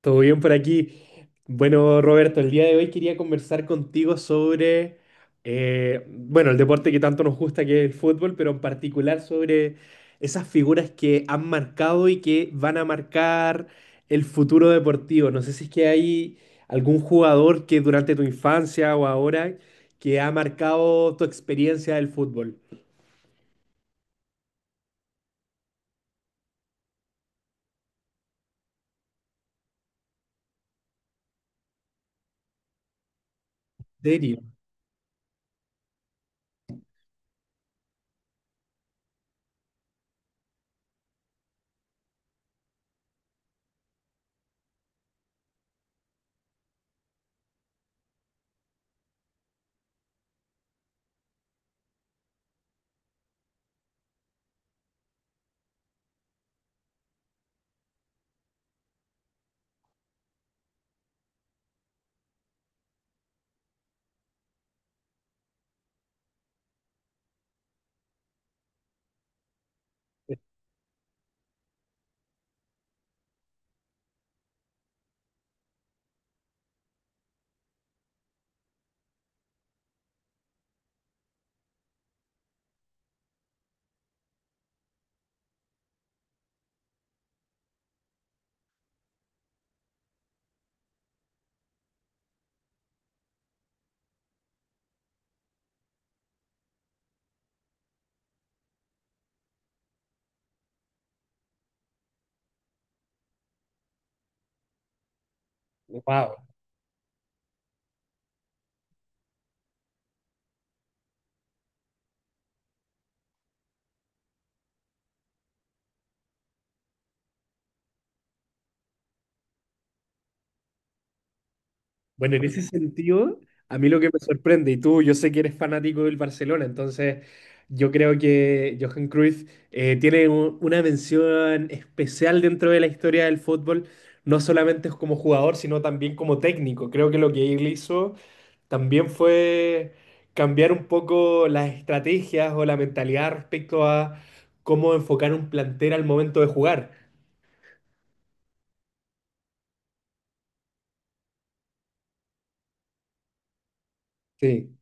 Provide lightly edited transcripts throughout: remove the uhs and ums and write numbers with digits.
Todo bien por aquí. Bueno, Roberto, el día de hoy quería conversar contigo sobre, bueno, el deporte que tanto nos gusta, que es el fútbol, pero en particular sobre esas figuras que han marcado y que van a marcar el futuro deportivo. No sé si es que hay algún jugador que durante tu infancia o ahora que ha marcado tu experiencia del fútbol. ¿En serio? Wow. Bueno, en ese sentido, a mí lo que me sorprende, y tú, yo sé que eres fanático del Barcelona, entonces yo creo que Johan Cruyff tiene una mención especial dentro de la historia del fútbol, no solamente como jugador, sino también como técnico. Creo que lo que él hizo también fue cambiar un poco las estrategias o la mentalidad respecto a cómo enfocar un plantel al momento de jugar. Sí.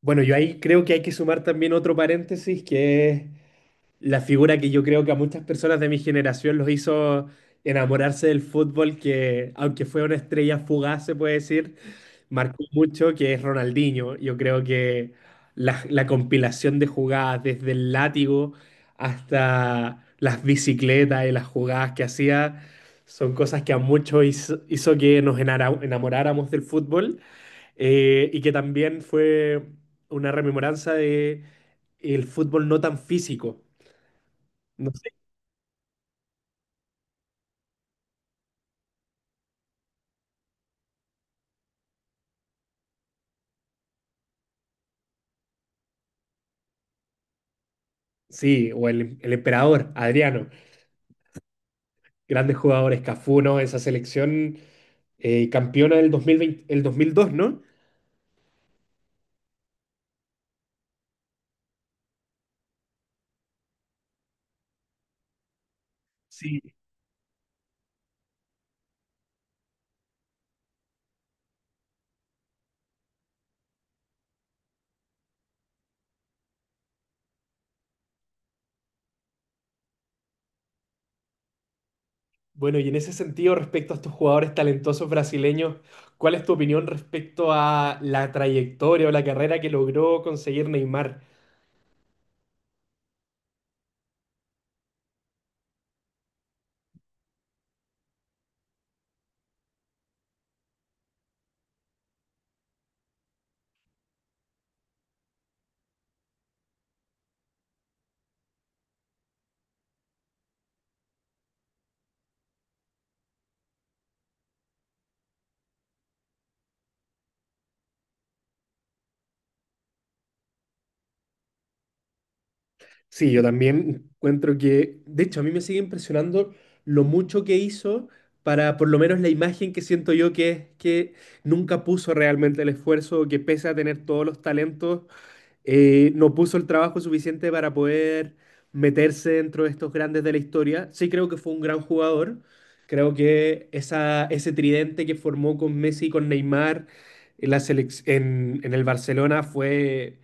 Bueno, yo ahí creo que hay que sumar también otro paréntesis que es la figura que yo creo que a muchas personas de mi generación los hizo enamorarse del fútbol, que aunque fue una estrella fugaz, se puede decir, marcó mucho, que es Ronaldinho. Yo creo que la compilación de jugadas, desde el látigo hasta las bicicletas y las jugadas que hacía, son cosas que a muchos hizo que enamoráramos del fútbol, y que también fue una rememoranza de el fútbol no tan físico. Sí, o el emperador, Adriano, grandes jugadores, Cafú, ¿no? Esa selección campeona del 2020, el 2002, ¿no? Sí. Bueno, y en ese sentido, respecto a estos jugadores talentosos brasileños, ¿cuál es tu opinión respecto a la trayectoria o la carrera que logró conseguir Neymar? Sí, yo también encuentro que, de hecho, a mí me sigue impresionando lo mucho que hizo para, por lo menos, la imagen que siento yo que es que nunca puso realmente el esfuerzo, que pese a tener todos los talentos, no puso el trabajo suficiente para poder meterse dentro de estos grandes de la historia. Sí creo que fue un gran jugador. Creo que ese tridente que formó con Messi y con Neymar en en el Barcelona fue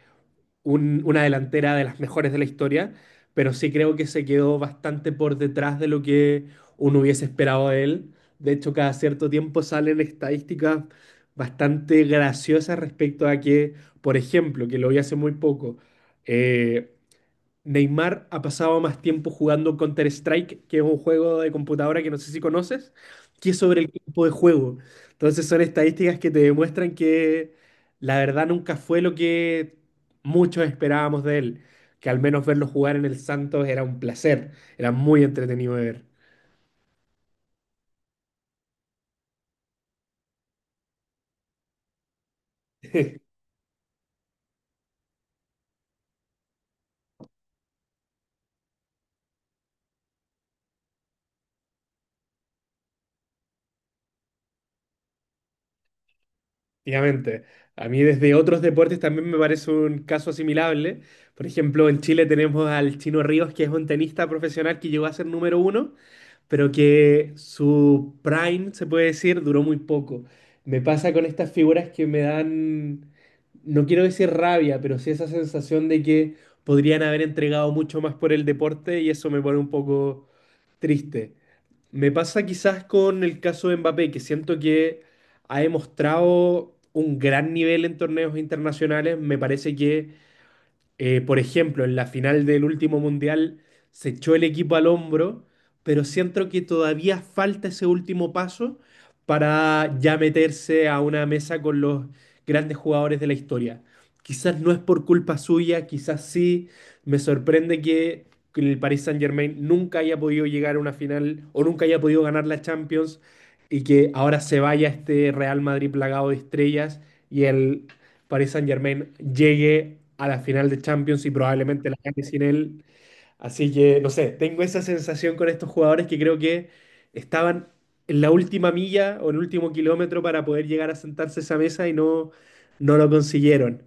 una delantera de las mejores de la historia, pero sí creo que se quedó bastante por detrás de lo que uno hubiese esperado de él. De hecho, cada cierto tiempo salen estadísticas bastante graciosas respecto a que, por ejemplo, que lo vi hace muy poco, eh, Neymar ha pasado más tiempo jugando Counter-Strike, que es un juego de computadora que no sé si conoces, que sobre el campo de juego. Entonces son estadísticas que te demuestran que la verdad nunca fue lo que muchos esperábamos de él, que al menos verlo jugar en el Santos era un placer, era muy entretenido de ver. Efectivamente. A mí desde otros deportes también me parece un caso asimilable. Por ejemplo, en Chile tenemos al Chino Ríos, que es un tenista profesional que llegó a ser número uno, pero que su prime, se puede decir, duró muy poco. Me pasa con estas figuras que me dan, no quiero decir rabia, pero sí esa sensación de que podrían haber entregado mucho más por el deporte y eso me pone un poco triste. Me pasa quizás con el caso de Mbappé, que siento que ha demostrado un gran nivel en torneos internacionales. Me parece que, por ejemplo, en la final del último mundial se echó el equipo al hombro, pero siento que todavía falta ese último paso para ya meterse a una mesa con los grandes jugadores de la historia. Quizás no es por culpa suya, quizás sí. Me sorprende que el Paris Saint-Germain nunca haya podido llegar a una final o nunca haya podido ganar la Champions y que ahora se vaya este Real Madrid plagado de estrellas y el Paris Saint-Germain llegue a la final de Champions y probablemente la gane sin él. Así que, no sé, tengo esa sensación con estos jugadores que creo que estaban en la última milla o en el último kilómetro para poder llegar a sentarse a esa mesa y no, no lo consiguieron.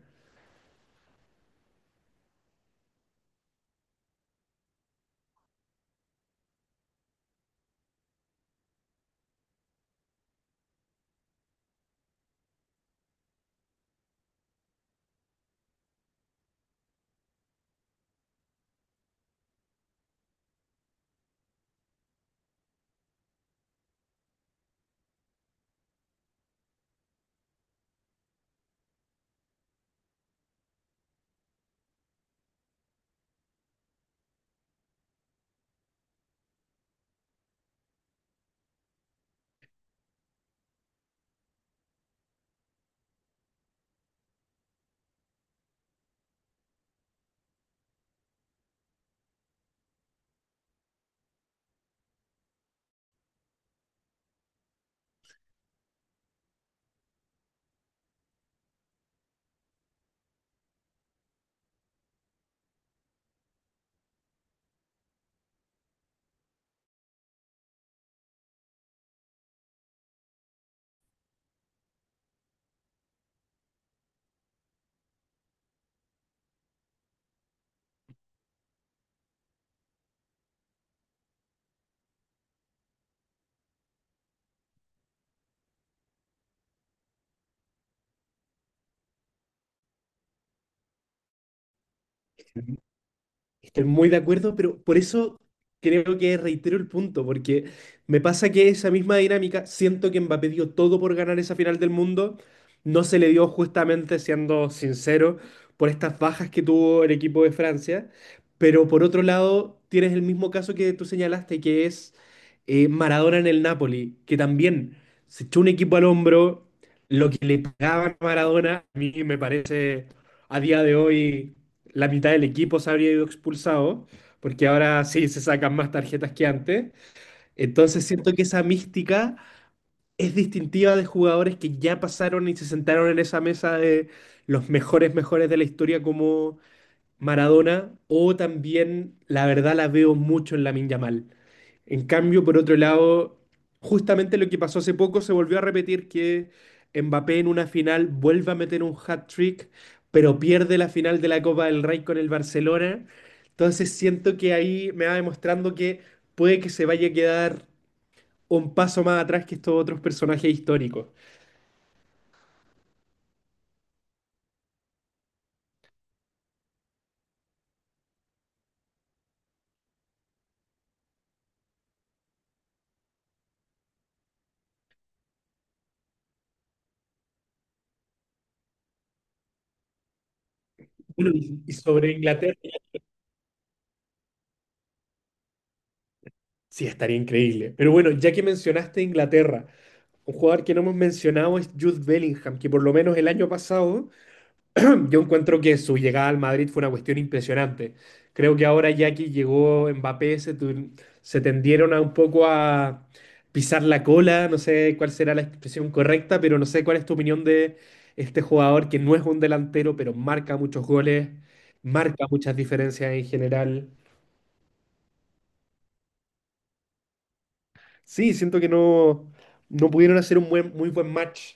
Estoy muy de acuerdo, pero por eso creo que reitero el punto, porque me pasa que esa misma dinámica, siento que Mbappé dio todo por ganar esa final del mundo, no se le dio justamente, siendo sincero, por estas bajas que tuvo el equipo de Francia, pero por otro lado tienes el mismo caso que tú señalaste, que es, Maradona en el Napoli, que también se echó un equipo al hombro, lo que le pagaban a Maradona, a mí me parece, a día de hoy la mitad del equipo se habría ido expulsado, porque ahora sí se sacan más tarjetas que antes. Entonces siento que esa mística es distintiva de jugadores que ya pasaron y se sentaron en esa mesa de los mejores, mejores de la historia como Maradona, o también, la verdad, la veo mucho en la Yamal. En cambio, por otro lado, justamente lo que pasó hace poco se volvió a repetir que Mbappé en una final vuelve a meter un hat-trick, pero pierde la final de la Copa del Rey con el Barcelona. Entonces siento que ahí me va demostrando que puede que se vaya a quedar un paso más atrás que estos otros personajes históricos. Bueno, y sobre Inglaterra, sí, estaría increíble. Pero bueno, ya que mencionaste Inglaterra, un jugador que no hemos mencionado es Jude Bellingham, que por lo menos el año pasado yo encuentro que su llegada al Madrid fue una cuestión impresionante. Creo que ahora ya que llegó Mbappé se tendieron a un poco a pisar la cola, no sé cuál será la expresión correcta, pero no sé cuál es tu opinión de este jugador que no es un delantero, pero marca muchos goles, marca muchas diferencias en general. Sí, siento que no, no pudieron hacer muy buen match.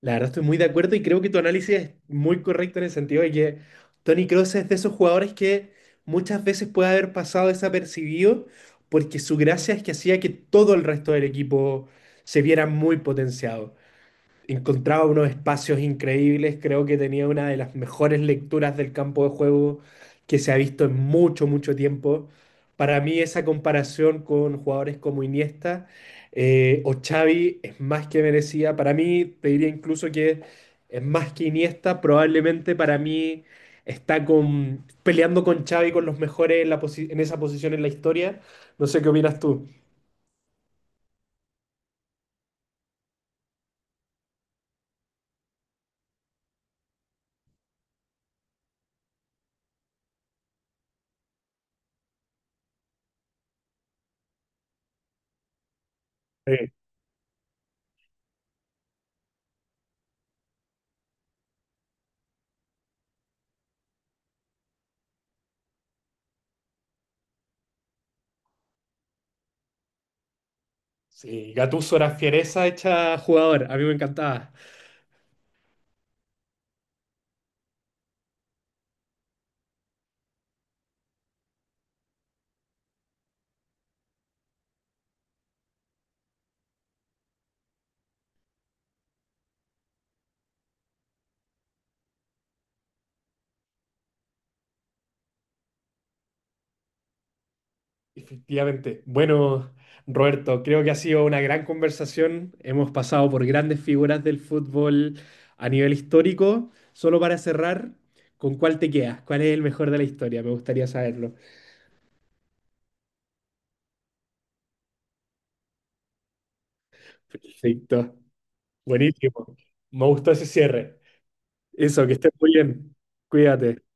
La verdad estoy muy de acuerdo y creo que tu análisis es muy correcto en el sentido de que Tony Kroos es de esos jugadores que muchas veces puede haber pasado desapercibido porque su gracia es que hacía que todo el resto del equipo se viera muy potenciado, encontraba unos espacios increíbles, creo que tenía una de las mejores lecturas del campo de juego que se ha visto en mucho, mucho tiempo. Para mí esa comparación con jugadores como Iniesta, o Xavi es más que merecida. Para mí, te diría incluso que es más que Iniesta, probablemente para mí está con, peleando con Xavi con los mejores en en esa posición en la historia. No sé qué opinas tú. Sí. Sí, Gattuso era fiereza hecha jugador, a mí me encantaba. Efectivamente. Bueno, Roberto, creo que ha sido una gran conversación. Hemos pasado por grandes figuras del fútbol a nivel histórico. Solo para cerrar, ¿con cuál te quedas? ¿Cuál es el mejor de la historia? Me gustaría saberlo. Perfecto. Buenísimo. Me gustó ese cierre. Eso, que estés muy bien. Cuídate.